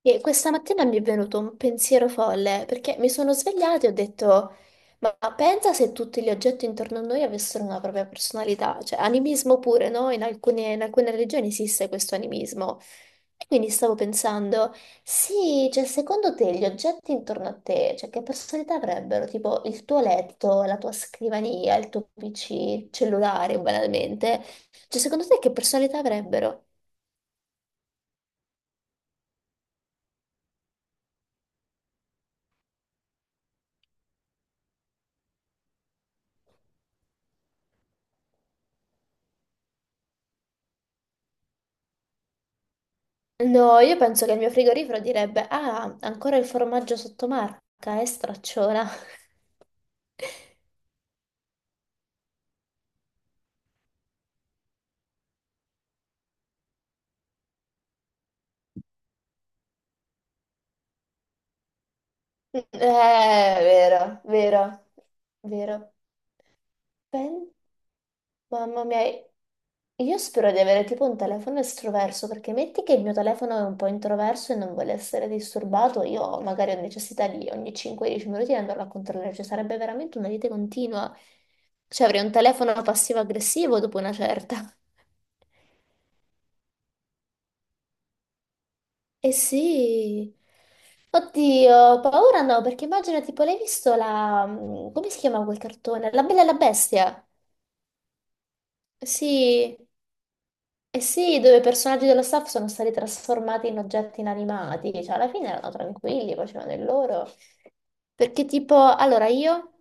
E questa mattina mi è venuto un pensiero folle perché mi sono svegliata e ho detto: Ma pensa se tutti gli oggetti intorno a noi avessero una propria personalità, cioè animismo pure, no? In alcune religioni esiste questo animismo. E quindi stavo pensando: sì, cioè secondo te gli oggetti intorno a te, cioè che personalità avrebbero? Tipo il tuo letto, la tua scrivania, il tuo PC, il cellulare, banalmente. Cioè secondo te che personalità avrebbero? No, io penso che il mio frigorifero direbbe: Ah, ancora il formaggio sottomarca, stracciona. Vero, vero, vero. Pen- Mamma mia, io spero di avere tipo un telefono estroverso, perché metti che il mio telefono è un po' introverso e non vuole essere disturbato, io magari ho necessità di ogni 5-10 minuti di andarlo a controllare, cioè sarebbe veramente una lite continua. Cioè avrei un telefono passivo-aggressivo dopo una certa. Eh sì. Oddio, paura no, perché immagino tipo l'hai visto la... come si chiama quel cartone? La Bella e la Bestia. Eh sì, eh sì, dove i personaggi dello staff sono stati trasformati in oggetti inanimati, cioè alla fine erano tranquilli, facevano il loro. Perché tipo, allora io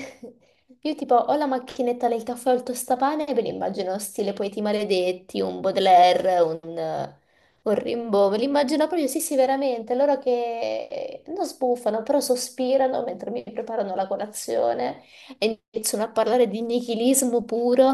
io tipo ho la macchinetta del caffè o il tostapane e ve li immagino stile Poeti Maledetti, un Baudelaire, un Rimbaud, ve li immagino proprio, sì sì veramente, loro che non sbuffano, però sospirano mentre mi preparano la colazione e iniziano a parlare di nichilismo puro.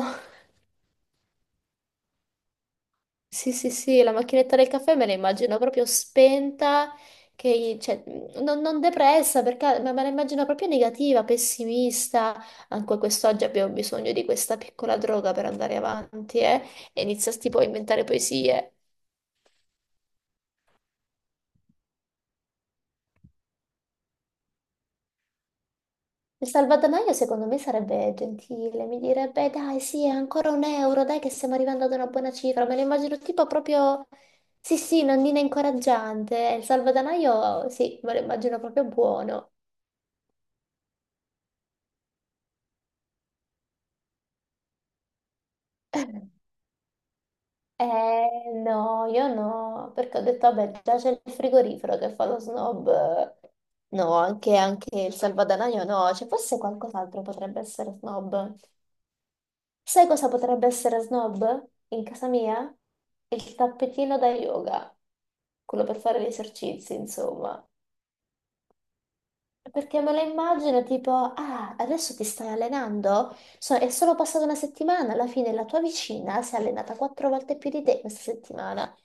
Sì, sì, sì, la macchinetta del caffè me la immagino proprio spenta, che, cioè, non depressa, perché, ma me la immagino proprio negativa, pessimista. Anche quest'oggi abbiamo bisogno di questa piccola droga per andare avanti, eh? E inizia tipo a inventare poesie. Il salvadanaio secondo me sarebbe gentile, mi direbbe dai, sì, ancora un euro, dai che stiamo arrivando ad una buona cifra. Me lo immagino tipo proprio, sì, sì, nonnina incoraggiante. Il salvadanaio, sì, me lo immagino proprio buono. No, io no, perché ho detto, vabbè, già c'è il frigorifero che fa lo snob. No, anche, anche il salvadanaio no, cioè forse qualcos'altro potrebbe essere snob. Sai cosa potrebbe essere snob in casa mia? Il tappetino da yoga, quello per fare gli esercizi, insomma. Perché me lo immagino tipo, ah, adesso ti stai allenando? È solo passata una settimana, alla fine la tua vicina si è allenata quattro volte più di te questa settimana.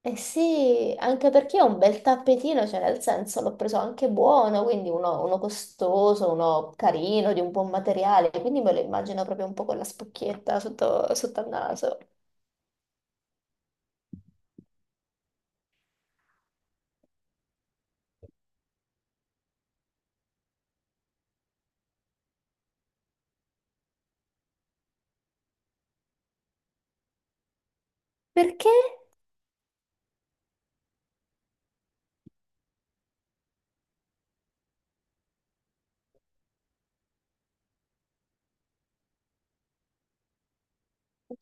Eh sì, anche perché è un bel tappetino, cioè nel senso l'ho preso anche buono, quindi uno, uno costoso, uno carino, di un buon materiale, quindi me lo immagino proprio un po' con la spocchietta sotto, sotto al naso. Perché?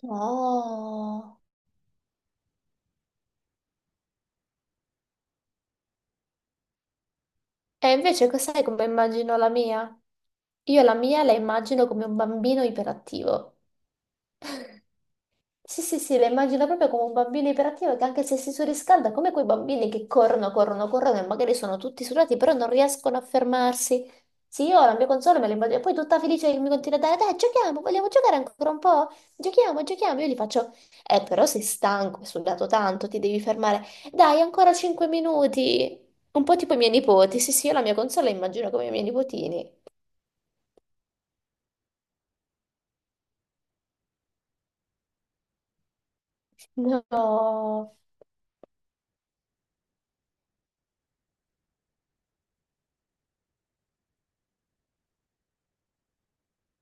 No. E invece cos'è come immagino la mia? Io la mia la immagino come un bambino iperattivo. Sì, sì, sì, la immagino proprio come un bambino iperattivo che anche se si surriscalda, come quei bambini che corrono, corrono, corrono e magari sono tutti sudati, però non riescono a fermarsi. Sì, io la mia console me la immagino, e poi tutta felice che mi continua a dare, dai, giochiamo, vogliamo giocare ancora un po'? Giochiamo, giochiamo. Io gli faccio, però sei stanco, hai sudato tanto, ti devi fermare. Dai, ancora 5 minuti. Un po' tipo i miei nipoti. Sì, sì, io la mia console la immagino come i miei nipotini. No,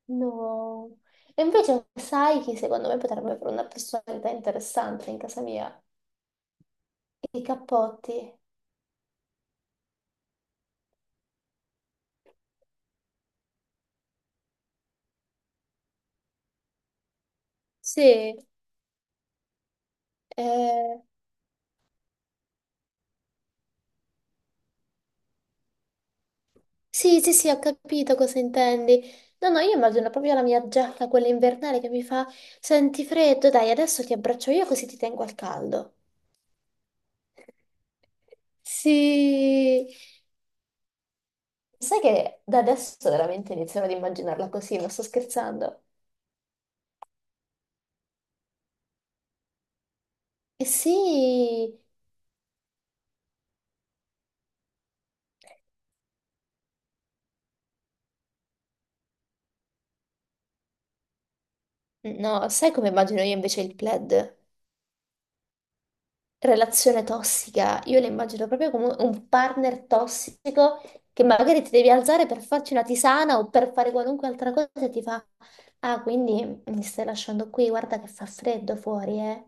no. E invece sai chi secondo me potrebbe avere una personalità interessante in casa mia? I cappotti. Sì, eh, sì, sì, sì, ho capito cosa intendi. No, no, io immagino proprio la mia giacca, quella invernale che mi fa, senti freddo, dai, adesso ti abbraccio io così ti tengo al caldo. Sì, sai che da adesso veramente iniziano ad immaginarla così, non sto scherzando. Eh sì, no, sai come immagino io invece il plaid? Relazione tossica. Io la immagino proprio come un partner tossico che magari ti devi alzare per farci una tisana o per fare qualunque altra cosa e ti fa, ah, quindi mi stai lasciando qui, guarda che fa freddo fuori, eh.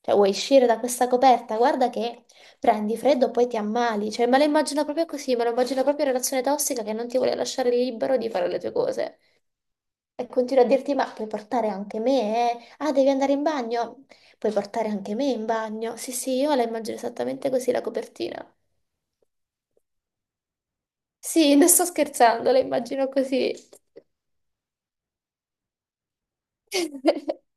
Cioè, vuoi uscire da questa coperta? Guarda che prendi freddo, poi ti ammali. Cioè, me la immagino proprio così, me la immagino proprio in relazione tossica che non ti vuole lasciare libero di fare le tue cose. E continuo a dirti, ma puoi portare anche me, eh? Ah, devi andare in bagno? Puoi portare anche me in bagno? Sì, sì, io la immagino esattamente così la copertina. Sì, non sto scherzando, la immagino così.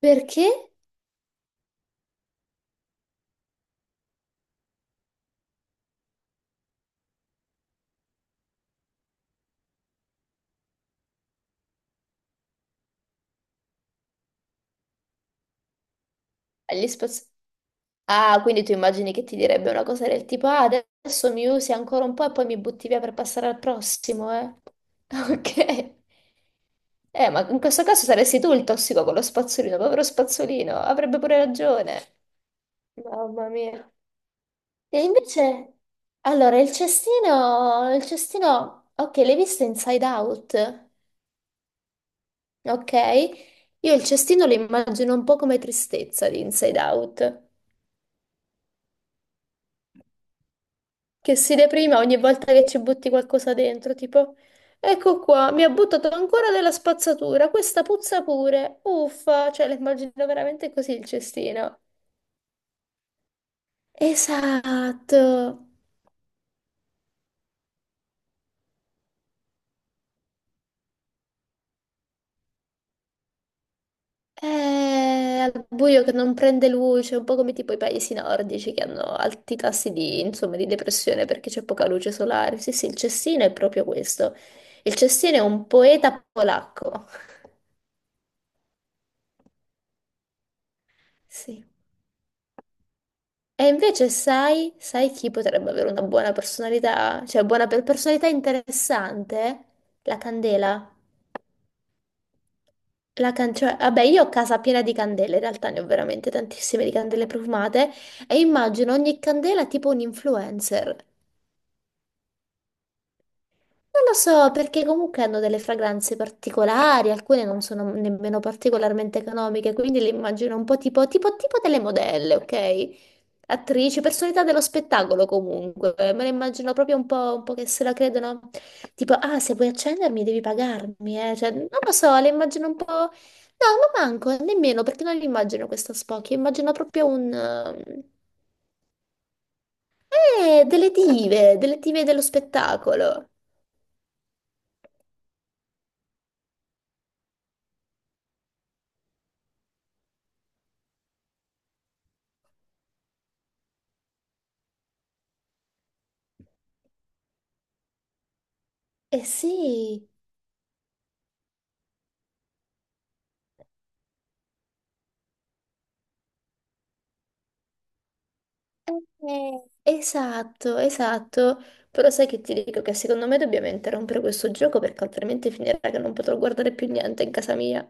Perché? Gli spazi... Ah, quindi tu immagini che ti direbbe una cosa del tipo, ah, adesso mi usi ancora un po' e poi mi butti via per passare al prossimo, eh? Ok. Ma in questo caso saresti tu il tossico con lo spazzolino, povero spazzolino, avrebbe pure ragione. Mamma mia. E invece, allora, il cestino, ok, l'hai visto Inside Out, ok? Io il cestino lo immagino un po' come tristezza di Inside Out, che si deprime ogni volta che ci butti qualcosa dentro, tipo, ecco qua, mi ha buttato ancora della spazzatura, questa puzza pure, uffa, cioè lo immagino veramente così il cestino. Esatto. È al buio che non prende luce, un po' come tipo i paesi nordici che hanno alti tassi di, insomma, di depressione perché c'è poca luce solare. Sì, sì, il Cestino è proprio questo. Il Cestino è un poeta polacco. Sì. E invece sai, sai chi potrebbe avere una buona personalità, cioè buona personalità interessante? La candela. Cioè, vabbè, io ho casa piena di candele, in realtà ne ho veramente tantissime di candele profumate e immagino ogni candela tipo un influencer. Non lo so, perché comunque hanno delle fragranze particolari, alcune non sono nemmeno particolarmente economiche, quindi le immagino un po' tipo, tipo, delle modelle, ok? Attrici, personalità dello spettacolo comunque, me le immagino proprio un po' che se la credono, tipo, ah, se vuoi accendermi devi pagarmi, eh? Cioè, non lo so, le immagino un po'... No, ma manco, nemmeno, perché non le immagino questo spocchio, immagino proprio un... delle dive dello spettacolo. Eh sì... Esatto, esatto. Però sai che ti dico che secondo me dobbiamo interrompere questo gioco perché altrimenti finirà che non potrò guardare più niente in casa mia.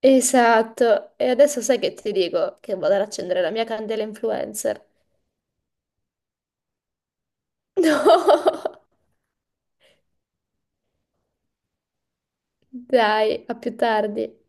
Esatto. E adesso sai che ti dico che vado ad accendere la mia candela influencer. No! Dai, a più tardi.